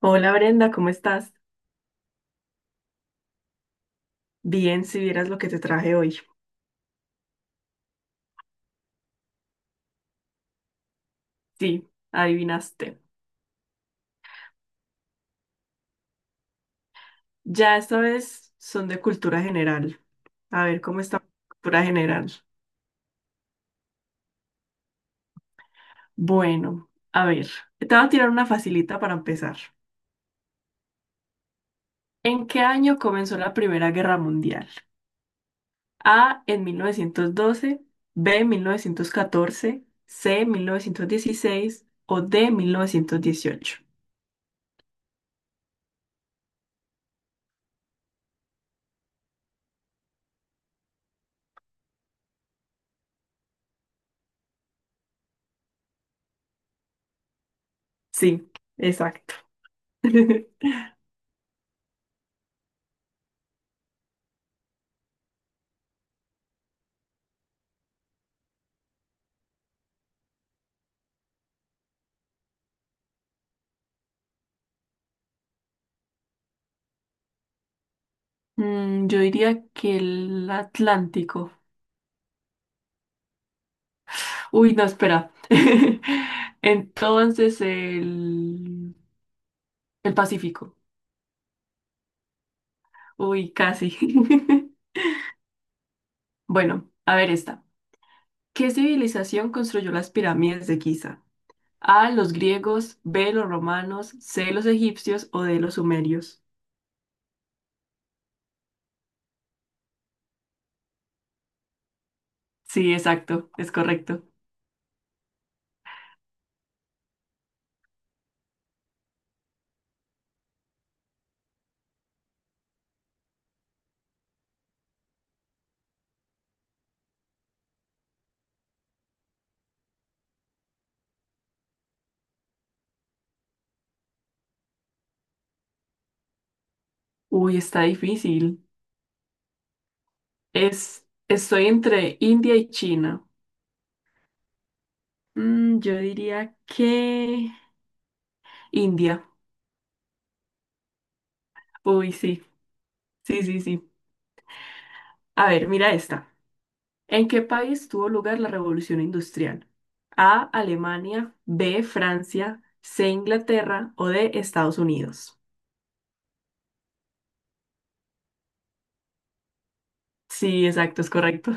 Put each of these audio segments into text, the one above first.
Hola Brenda, ¿cómo estás? Bien, si vieras lo que te traje hoy. Sí, adivinaste. Ya esta vez son de cultura general. A ver, ¿cómo está cultura general? Bueno, a ver, te voy a tirar una facilita para empezar. ¿En qué año comenzó la Primera Guerra Mundial? A en 1912, B en 1914, C en 1916 o D en 1918. Sí, exacto. Mm, yo diría que el Atlántico. Uy, no, espera. Entonces el Pacífico. Uy, casi. Bueno, a ver esta. ¿Qué civilización construyó las pirámides de Giza? A, los griegos, B, los romanos, C, los egipcios o D, los sumerios. Sí, exacto, es correcto. Uy, está difícil. Estoy entre India y China. Mm, yo diría que India. Uy, sí, sí, sí, sí. A ver, mira esta. ¿En qué país tuvo lugar la revolución industrial? A, Alemania, B, Francia, C, Inglaterra o D, Estados Unidos. Sí, exacto, es correcto.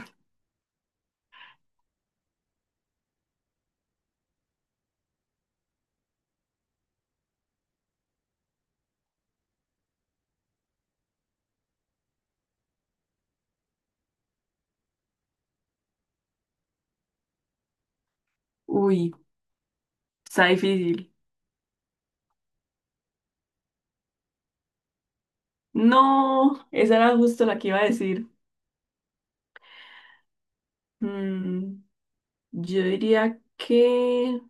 Uy, está difícil. No, esa era justo la que iba a decir. Mm, yo diría que...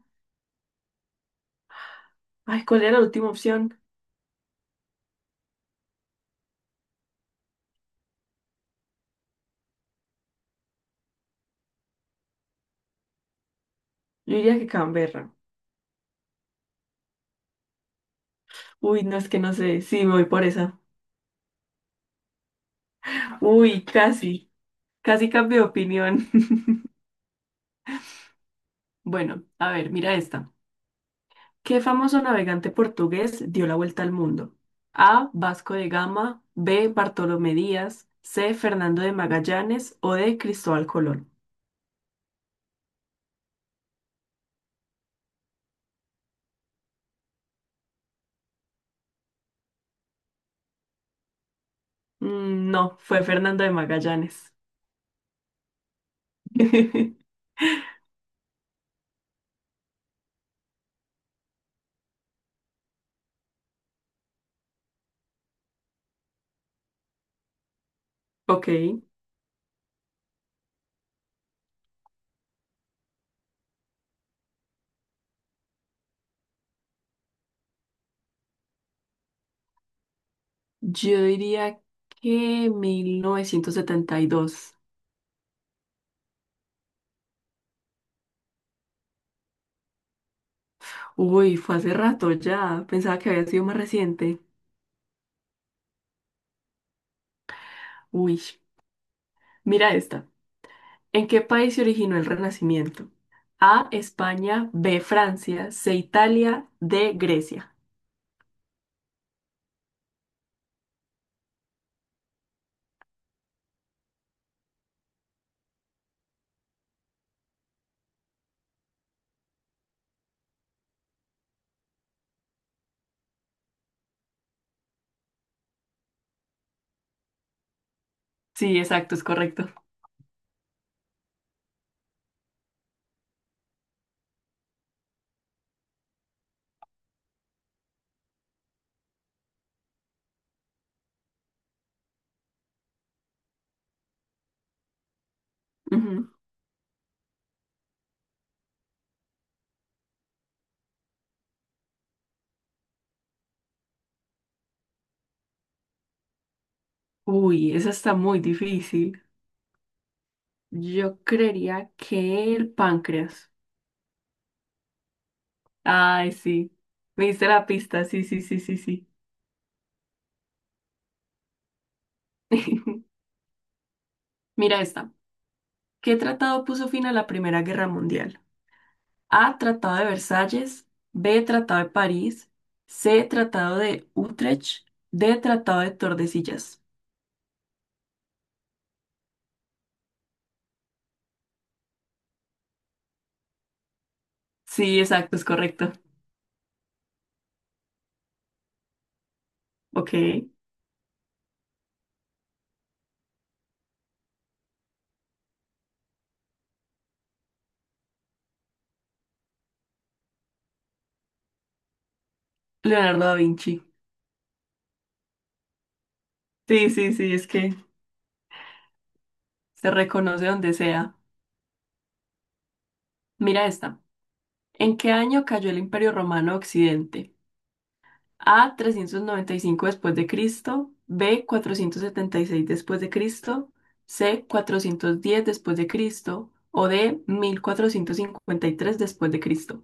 Ay, ¿cuál era la última opción? Yo diría que Canberra. Uy, no es que no sé. Sí, me voy por esa. Uy, casi. Casi cambio de opinión. Bueno, a ver, mira esta. ¿Qué famoso navegante portugués dio la vuelta al mundo? A. Vasco de Gama. B. Bartolomé Díaz. C. Fernando de Magallanes. O D. Cristóbal Colón. No, fue Fernando de Magallanes. Ok, yo diría que 1972. Uy, fue hace rato ya. Pensaba que había sido más reciente. Uy, mira esta. ¿En qué país se originó el Renacimiento? A, España, B, Francia, C, Italia, D, Grecia. Sí, exacto, es correcto. Ujú. Uy, esa está muy difícil. Yo creería que el páncreas. Ay, sí. Me diste la pista. Sí, sí, sí, sí, sí. Mira esta. ¿Qué tratado puso fin a la Primera Guerra Mundial? A. Tratado de Versalles. B. Tratado de París. C. Tratado de Utrecht. D. Tratado de Tordesillas. Sí, exacto, es correcto. Ok. Leonardo da Vinci. Sí, sí, sí, es que se reconoce donde sea. Mira esta. ¿En qué año cayó el Imperio Romano a Occidente? A 395 después de Cristo, B 476 después de Cristo, C 410 después de Cristo o D 1453 después de Cristo.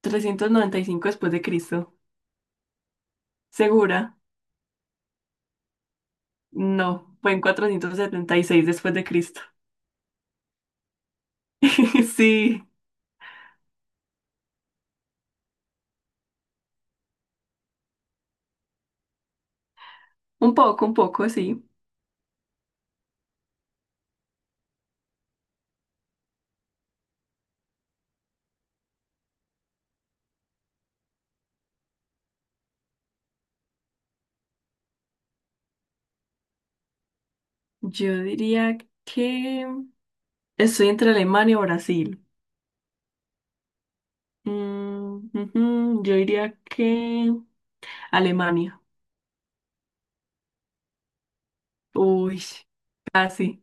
395 después de Cristo. ¿Segura? No, fue en 476 después de Cristo. Sí, un poco, sí. Yo diría que estoy entre Alemania o Brasil. Ujú, yo diría que Alemania. Uy, casi.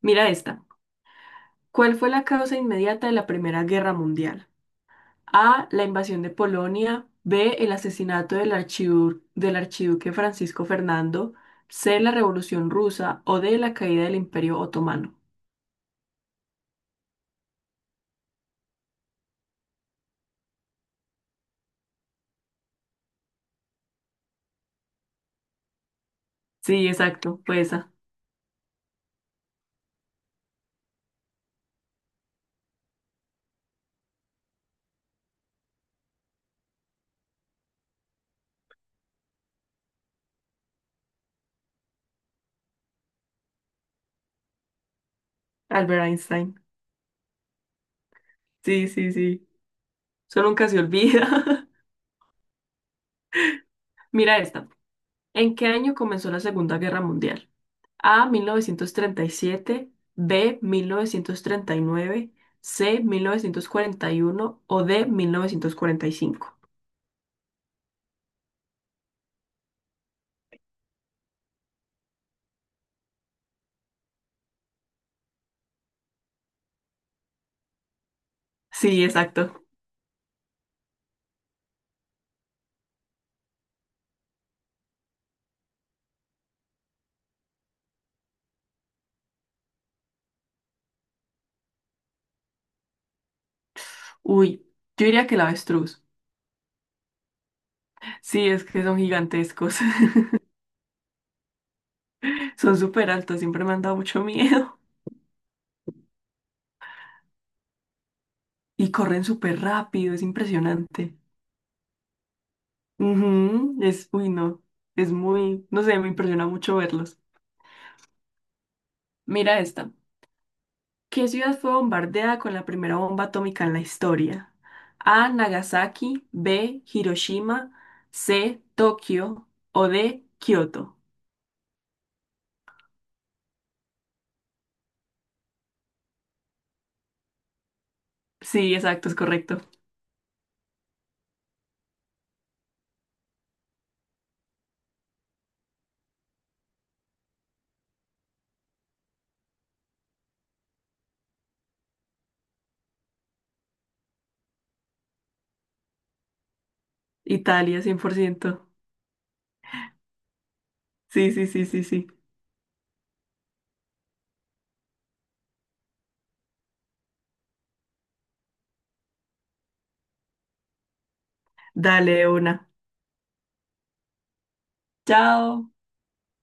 Mira esta. ¿Cuál fue la causa inmediata de la Primera Guerra Mundial? A. La invasión de Polonia. B. El asesinato del archiduque Francisco Fernando. C. La Revolución Rusa. O D. La caída del Imperio Otomano. Sí, exacto. Fue esa. Albert Einstein. Sí, sí, sí. Eso nunca se olvida. Mira esta. ¿En qué año comenzó la Segunda Guerra Mundial? A, 1937, B, 1939, C, 1941 o D, 1945. Sí, exacto. Uy, yo diría que el avestruz. Sí, es que son gigantescos. Son súper altos, siempre me han dado mucho miedo. Y corren súper rápido, es impresionante. Ujú, uy, no, es muy, no sé, me impresiona mucho verlos. Mira esta. ¿Qué ciudad fue bombardeada con la primera bomba atómica en la historia? A. Nagasaki, B. Hiroshima, C. Tokio o D. Kioto. Sí, exacto, es correcto. Italia, 100%. Sí, sí, sí, sí, sí. Dale una. Chao.